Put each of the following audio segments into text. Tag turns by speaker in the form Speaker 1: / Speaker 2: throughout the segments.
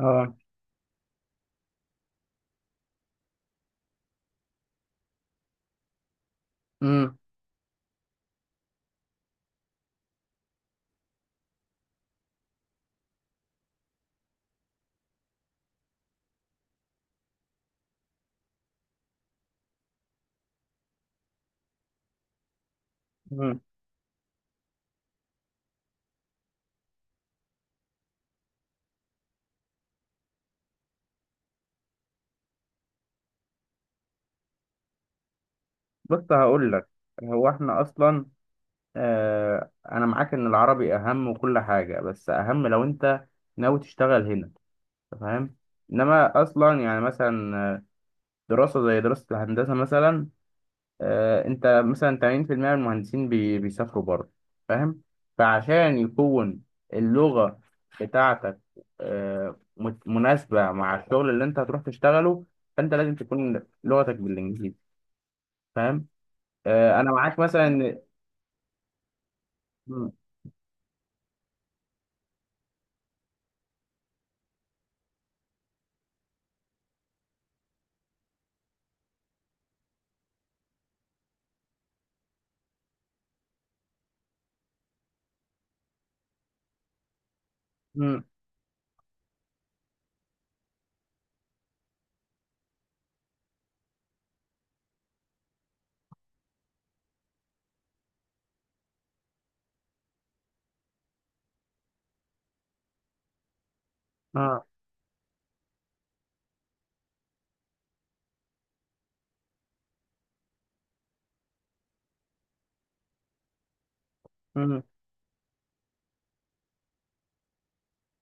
Speaker 1: اه. امم امم بص، هقول لك. هو احنا اصلا، انا معاك ان العربي اهم وكل حاجه، بس اهم لو انت ناوي تشتغل هنا. أنت فاهم. انما اصلا يعني مثلا، دراسه زي دراسه الهندسه مثلا. انت مثلا 80% من المهندسين بيسافروا بره، فاهم. فعشان يكون اللغه بتاعتك مناسبه مع الشغل اللي انت هتروح تشتغله، فانت لازم تكون لغتك بالانجليزي، فاهم. انا معاك مثلا، إن- م- م- آه، م.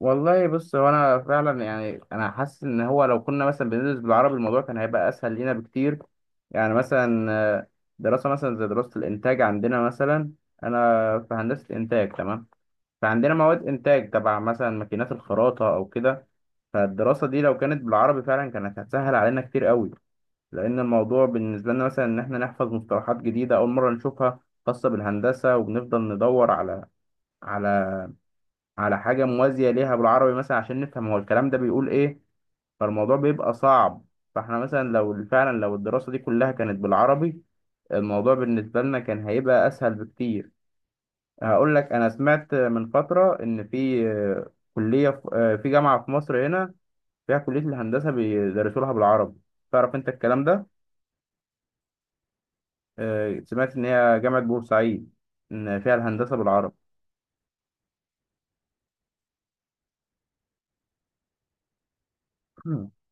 Speaker 1: والله بص، هو انا فعلا يعني انا حاسس ان هو لو كنا مثلا بندرس بالعربي الموضوع كان هيبقى اسهل لينا بكتير. يعني مثلا، آه، دراسه مثلا زي دراسه الانتاج عندنا مثلا. انا في هندسه انتاج، تمام. فعندنا مواد انتاج تبع مثلا ماكينات الخراطه او كده. فالدراسه دي لو كانت بالعربي فعلا كانت هتسهل علينا كتير قوي، لان الموضوع بالنسبه لنا مثلا ان احنا نحفظ مصطلحات جديده اول مره نشوفها خاصه بالهندسه، وبنفضل ندور على على حاجة موازية ليها بالعربي مثلا عشان نفهم هو الكلام ده بيقول ايه، فالموضوع بيبقى صعب. فاحنا مثلا لو فعلا الدراسة دي كلها كانت بالعربي، الموضوع بالنسبة لنا كان هيبقى أسهل بكتير. هقول لك، أنا سمعت من فترة إن في كلية، في جامعة في مصر هنا فيها كلية الهندسة بيدرسوا لها بالعربي. تعرف أنت الكلام ده؟ سمعت إن هي جامعة بورسعيد، إن فيها الهندسة بالعربي.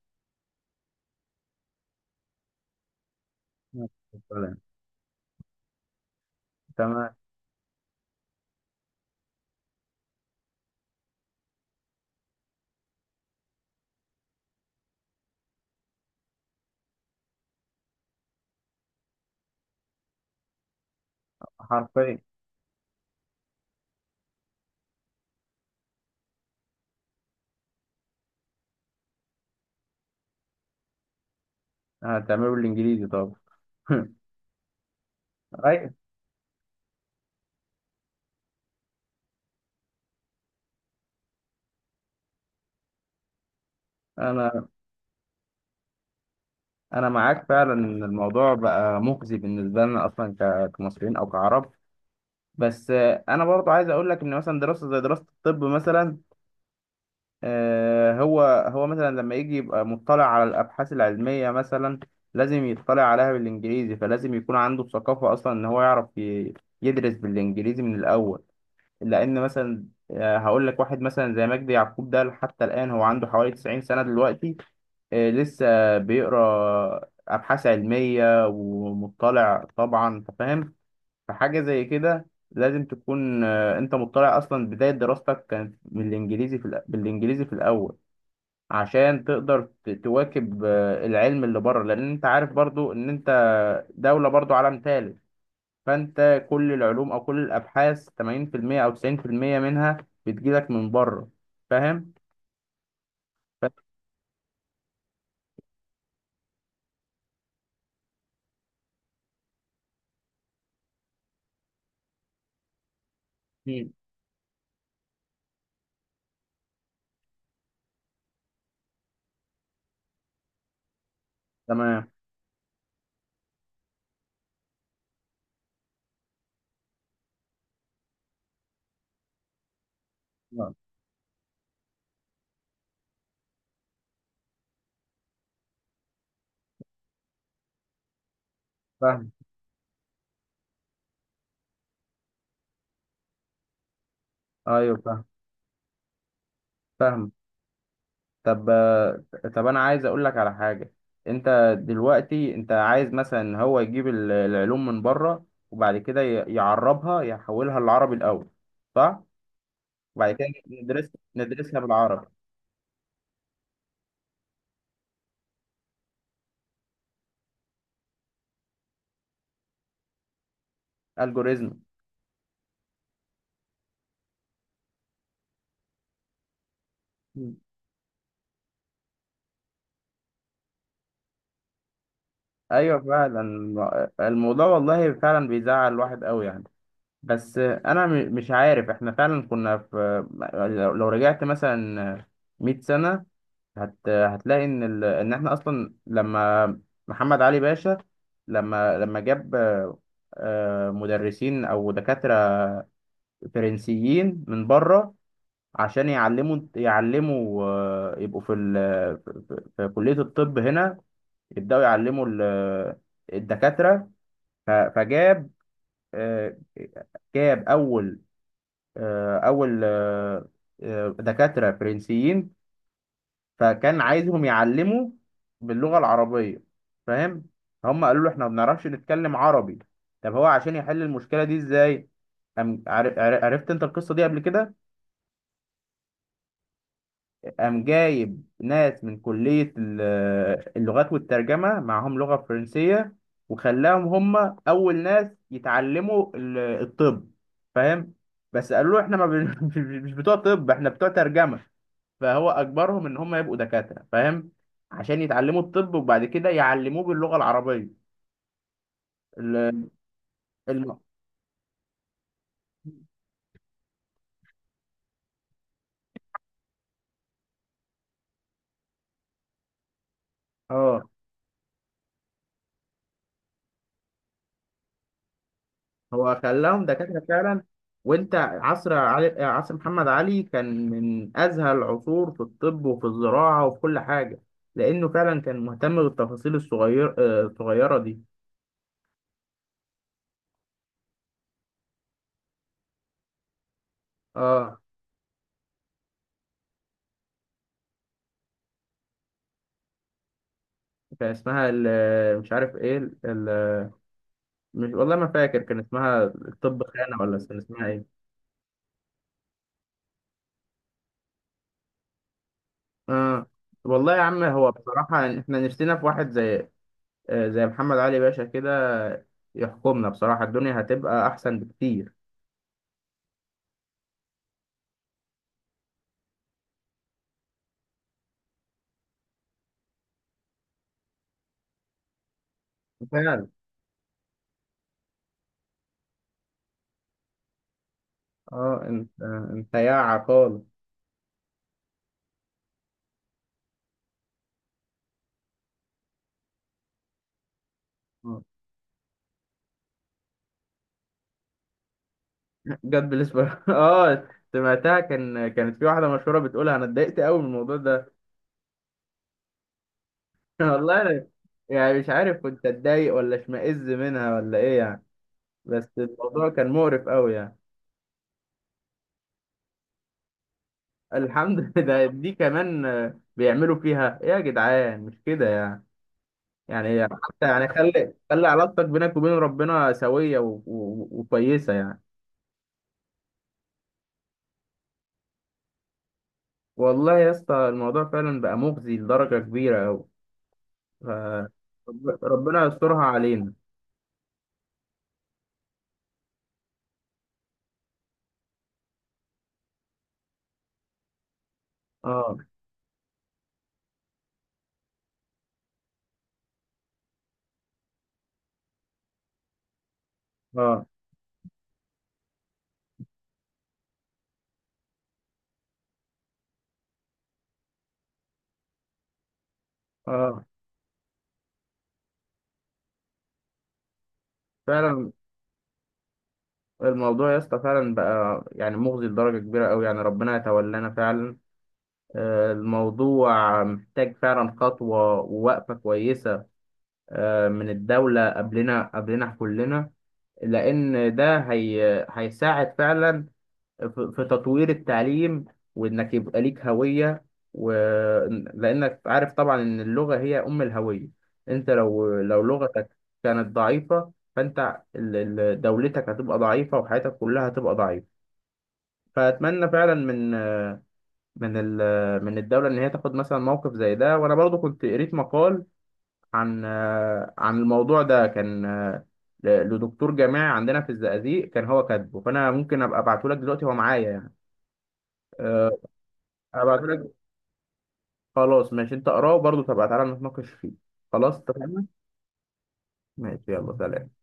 Speaker 1: تمام. حرفيا. هتعمله بالإنجليزي طبعا. اي. انا، معاك فعلا ان الموضوع بقى مخزي بالنسبه لنا اصلا كمصريين او كعرب. بس انا برضو عايز اقول لك ان مثلا دراسه زي دراسه الطب مثلا. آه، هو هو مثلا لما يجي يبقى مطلع على الابحاث العلميه مثلا، لازم يطلع عليها بالانجليزي. فلازم يكون عنده ثقافه اصلا ان هو يعرف يدرس بالانجليزي من الاول. لان مثلا، هقول لك، واحد مثلا زي مجدي يعقوب ده، حتى الان هو عنده حوالي 90 سنه دلوقتي، لسه بيقرا ابحاث علميه ومطلع طبعا، انت فاهم. فحاجه زي كده لازم تكون، انت مطلع اصلا بدايه دراستك كانت بالانجليزي في بالانجليزي في الاول، عشان تقدر تواكب العلم اللي بره. لان انت عارف برضو ان انت دولة برضو عالم ثالث، فانت كل العلوم او كل الابحاث 80% او 90% منها بتجيلك من بره، فاهم. ف... مم. تمام. آه، فاهم. ايوه، فاهم فاهم. طب آه، طب انا عايز اقول لك على حاجه. انت دلوقتي انت عايز مثلا هو يجيب العلوم من بره، وبعد كده يعربها، يحولها للعربي الاول، صح؟ وبعد كده ندرسها بالعربي. الجوريزم. مم. ايوه فعلا، الموضوع والله فعلا بيزعل الواحد قوي يعني. بس انا مش عارف، احنا فعلا كنا في، لو رجعت مثلا 100 سنة هتلاقي ان ان احنا اصلا لما محمد علي باشا، لما جاب مدرسين او دكاترة فرنسيين من بره عشان يعلموا يعلموا آه، يبقوا في في كلية الطب هنا يبدأوا يعلموا الدكاترة. فجاب، آه، جاب اول آه، اول دكاتره فرنسيين. فكان عايزهم يعلموا باللغه العربيه، فاهم. هم قالوا له: احنا ما بنعرفش نتكلم عربي. طب هو عشان يحل المشكله دي ازاي؟ عرفت انت القصه دي قبل كده؟ قام جايب ناس من كليه اللغات والترجمه معاهم لغه فرنسيه، وخلاهم هم اول ناس يتعلموا الطب، فاهم. بس قالوا له: احنا ما بن... مش بتوع طب، احنا بتوع ترجمه. فهو اجبرهم ان هم يبقوا دكاتره، فاهم، عشان يتعلموا الطب وبعد كده يعلموه باللغه العربيه. ال- الم... اه، هو خلاهم دكاتره فعلا. وانت عصر محمد علي كان من ازهى العصور في الطب وفي الزراعه وفي كل حاجه، لانه فعلا كان مهتم بالتفاصيل الصغيره دي. اه، كان اسمها مش عارف ايه، مش، والله ما فاكر كان اسمها الطب خانه ولا كان اسمها ايه. آه. والله يا عم، هو بصراحة يعني احنا نفسنا في واحد زي، زي محمد علي باشا كده يحكمنا، بصراحة الدنيا هتبقى أحسن بكتير. فعلا. اه، انت انت يا عقال. آه. جد، بالنسبة اه سمعتها، كانت في واحدة مشهورة بتقولها، انا اتضايقت قوي من الموضوع ده. والله أنا يعني مش عارف كنت اتضايق ولا اشمئز منها ولا ايه يعني، بس الموضوع كان مقرف قوي يعني. الحمد لله دي كمان، بيعملوا فيها ايه يا جدعان، مش كده؟ يعني حتى يعني، خلي خلي علاقتك بينك وبين ربنا سوية وكويسة يعني. والله يا اسطى الموضوع فعلا بقى مخزي لدرجة كبيرة أوي. ف... ربنا يسترها علينا. اه، اه، اه، فعلا. الموضوع يا اسطى فعلا بقى يعني مخزي لدرجة كبيرة أوي يعني، ربنا يتولانا فعلا. الموضوع محتاج فعلا خطوة ووقفة كويسة، من الدولة قبلنا، قبلنا كلنا. لأن ده هي هيساعد فعلا في تطوير التعليم، وانك يبقى ليك هوية. و... لانك عارف طبعا ان اللغة هي ام الهوية. انت لو لغتك كانت ضعيفة، فانت دولتك هتبقى ضعيفة، وحياتك كلها هتبقى ضعيفة. فاتمنى فعلا من، من ال... من الدولة ان هي تاخد مثلا موقف زي ده. وانا برضو كنت قريت مقال عن، الموضوع ده كان ل- لدكتور جامعي عندنا في الزقازيق كان هو كاتبه، فانا ممكن ابقى ابعته لك دلوقتي، هو معايا يعني. أه، هبعتهولك. خلاص ماشي، انت اقراه برضه تبقى تعالى نتناقش فيه. خلاص اتفقنا. ماشي، يلا، سلام.